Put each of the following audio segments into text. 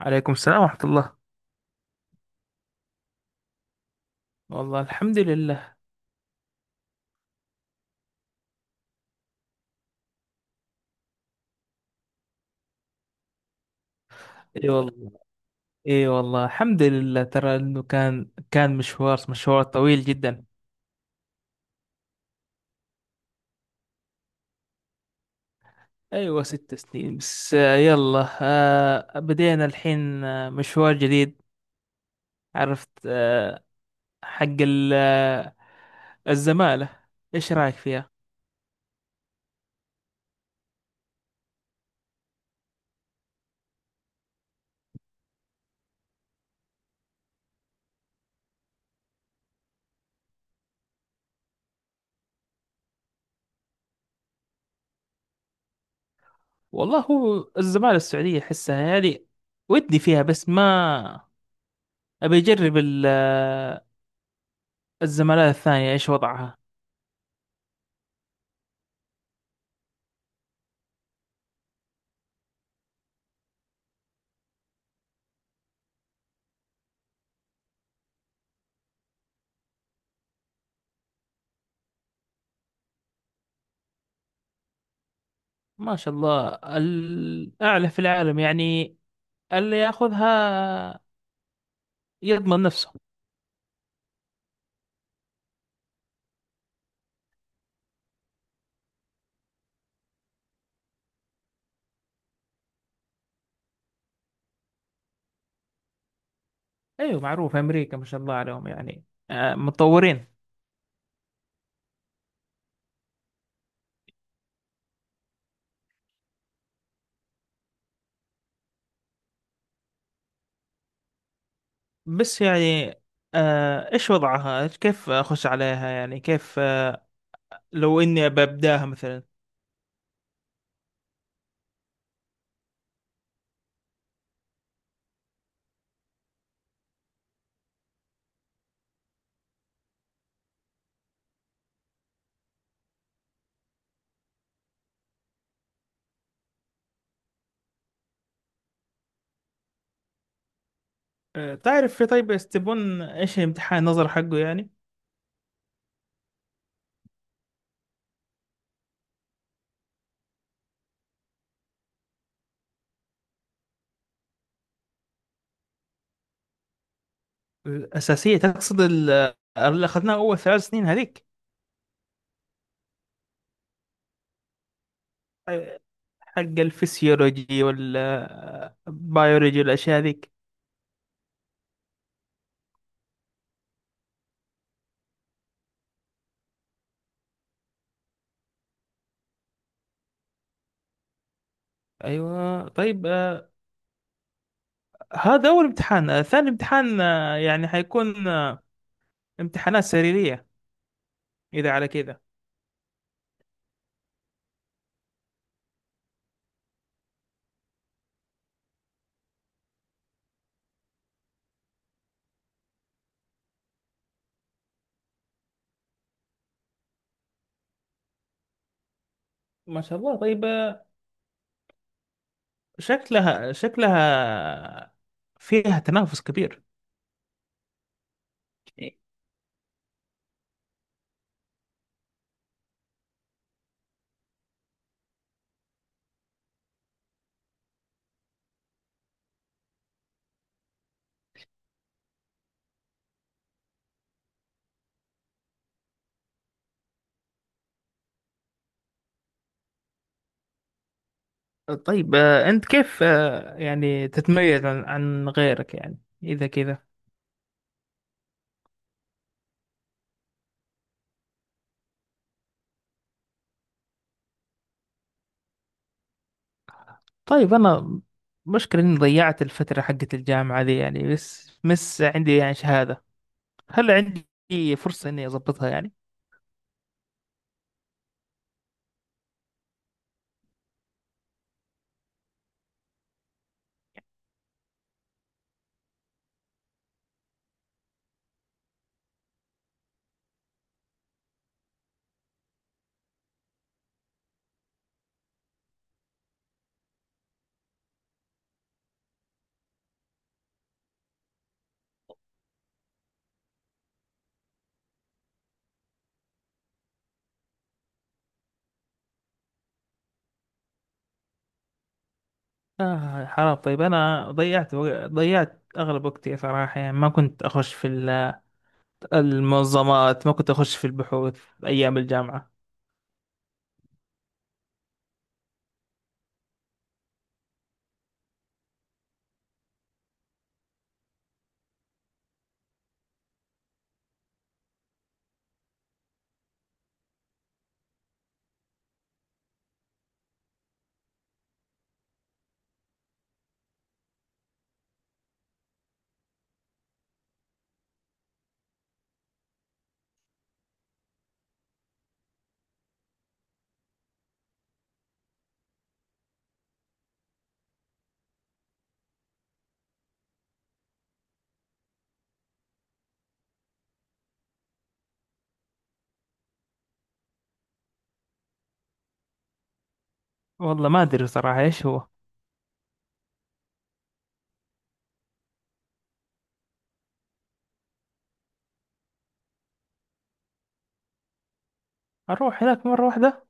عليكم السلام ورحمة الله. والله الحمد لله. اي والله. اي والله الحمد لله، ترى انه كان مشوار مشوار طويل جدا. ايوه ست سنين بس، يلا بدينا الحين، مشوار جديد. عرفت. حق الزمالة، ايش رايك فيها؟ والله هو الزمالة السعودية احسها يعني ودي فيها، بس ما ابي اجرب الزمالة الثانية. ايش وضعها؟ ما شاء الله، الأعلى في العالم يعني. اللي ياخذها يضمن نفسه. أيوة معروف، أمريكا ما شاء الله عليهم يعني، متطورين. بس يعني إيش وضعها؟ كيف أخش عليها يعني؟ كيف لو إني ببداها مثلا؟ تعرف في طيب يستبون إيش الامتحان نظر حقه يعني؟ الأساسية تقصد اللي أخذناه أول 3 سنين هذيك. آه، حق الفسيولوجي والبيولوجي والأشياء هذيك. ايوه. طيب هذا اول امتحان، ثاني امتحان يعني حيكون امتحانات سريرية اذا على كده. ما شاء الله. طيب شكلها فيها تنافس كبير. إيه. طيب انت كيف يعني تتميز عن غيرك يعني اذا كذا؟ طيب انا مشكلة اني ضيعت الفترة حقت الجامعة دي يعني، بس مس عندي يعني شهادة. هل عندي فرصة اني اضبطها يعني؟ آه، حرام. طيب أنا ضيعت أغلب وقتي صراحة يعني، ما كنت أخش في المنظمات، ما كنت أخش في البحوث أيام الجامعة. والله ما أدري صراحة إيش هو. أروح هناك مرة واحدة؟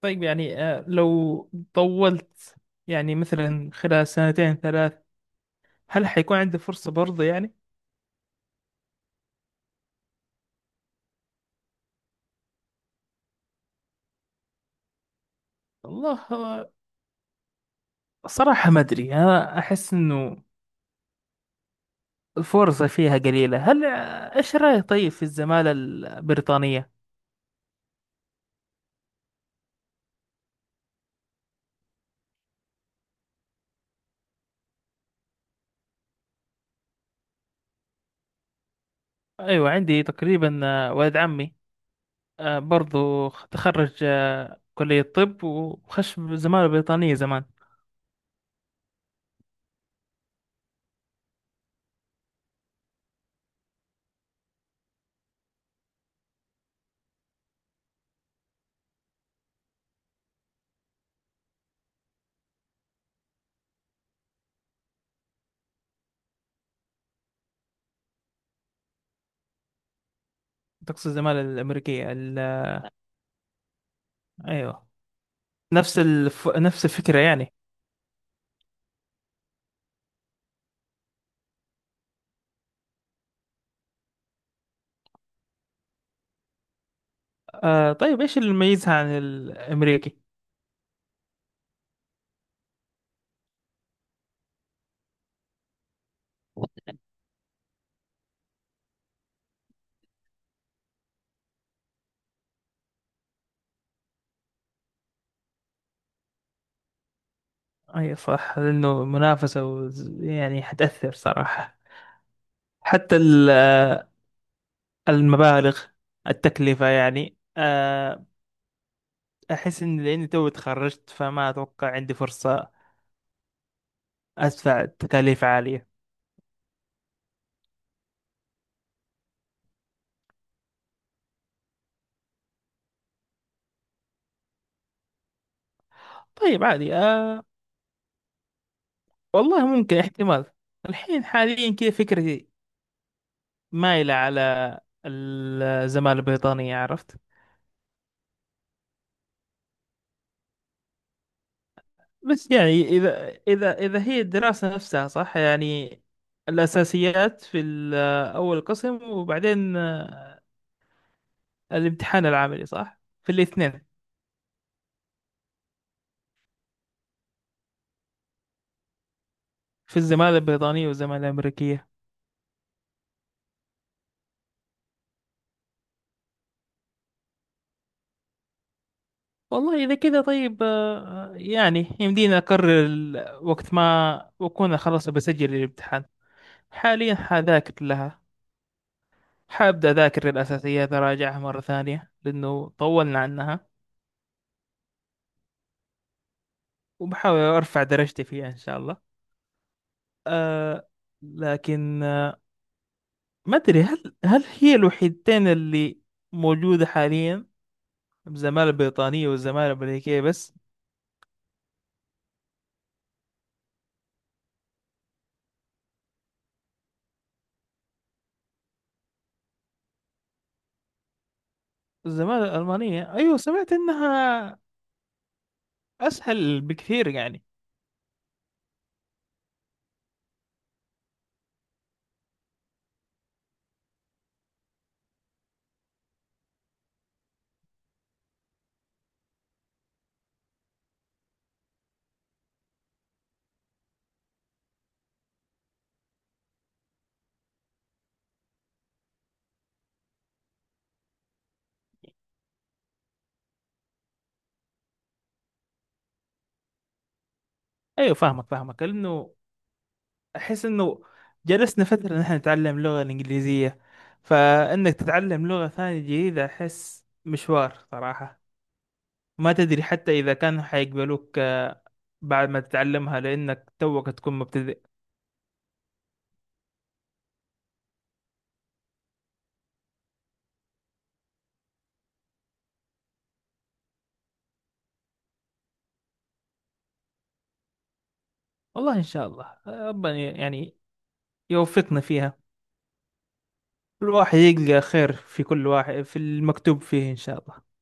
طيب يعني آه، لو طولت يعني مثلا خلال سنتين ثلاث، هل حيكون عندي فرصة برضه يعني؟ والله صراحة ما أدري. أنا أحس إنه الفرصة فيها قليلة. هل إيش رأيك طيب في الزمالة البريطانية؟ أيوة عندي تقريبا ولد عمي برضو تخرج كلية طب وخش زمالة بريطانية زمان. تقصد الزمالة الأمريكية أيوة. نفس الفكرة يعني. آه طيب، إيش اللي يميزها عن الأمريكي؟ أي صح، لأنه منافسة يعني حتأثر صراحة، حتى المبالغ، التكلفة يعني آه. أحس إن لأني تو تخرجت فما أتوقع عندي فرصة أدفع تكاليف عالية. طيب عادي آه. والله ممكن احتمال. الحين حاليا كذا فكرتي مايلة على الزمالة البريطانية، عرفت. بس يعني إذا هي الدراسة نفسها صح يعني؟ الأساسيات في أول قسم، وبعدين الامتحان العملي صح في الاثنين، في الزمالة البريطانية والزمالة الأمريكية. والله إذا كذا طيب يعني يمدينا أقرر وقت ما أكون خلاص بسجل الامتحان. حاليا حذاكر لها، حابدأ أذاكر الأساسيات أراجعها مرة ثانية لأنه طولنا عنها، وبحاول أرفع درجتي فيها إن شاء الله. أه. لكن ما أدري، هل هي الوحيدتين اللي موجودة حاليا؟ الزمالة البريطانية والزمالة الأمريكية بس؟ الزمالة الألمانية، أيوة سمعت إنها أسهل بكثير يعني. أيوة فاهمك فاهمك، لأنه أحس إنه جلسنا فترة نحن نتعلم اللغة الإنجليزية، فإنك تتعلم لغة ثانية جديدة أحس مشوار صراحة. ما تدري حتى إذا كانوا حيقبلوك بعد ما تتعلمها، لأنك توك تكون مبتدئ. والله إن شاء الله ربنا يعني يوفقنا فيها. الواحد يلقى خير في كل واحد، في المكتوب فيه إن شاء الله.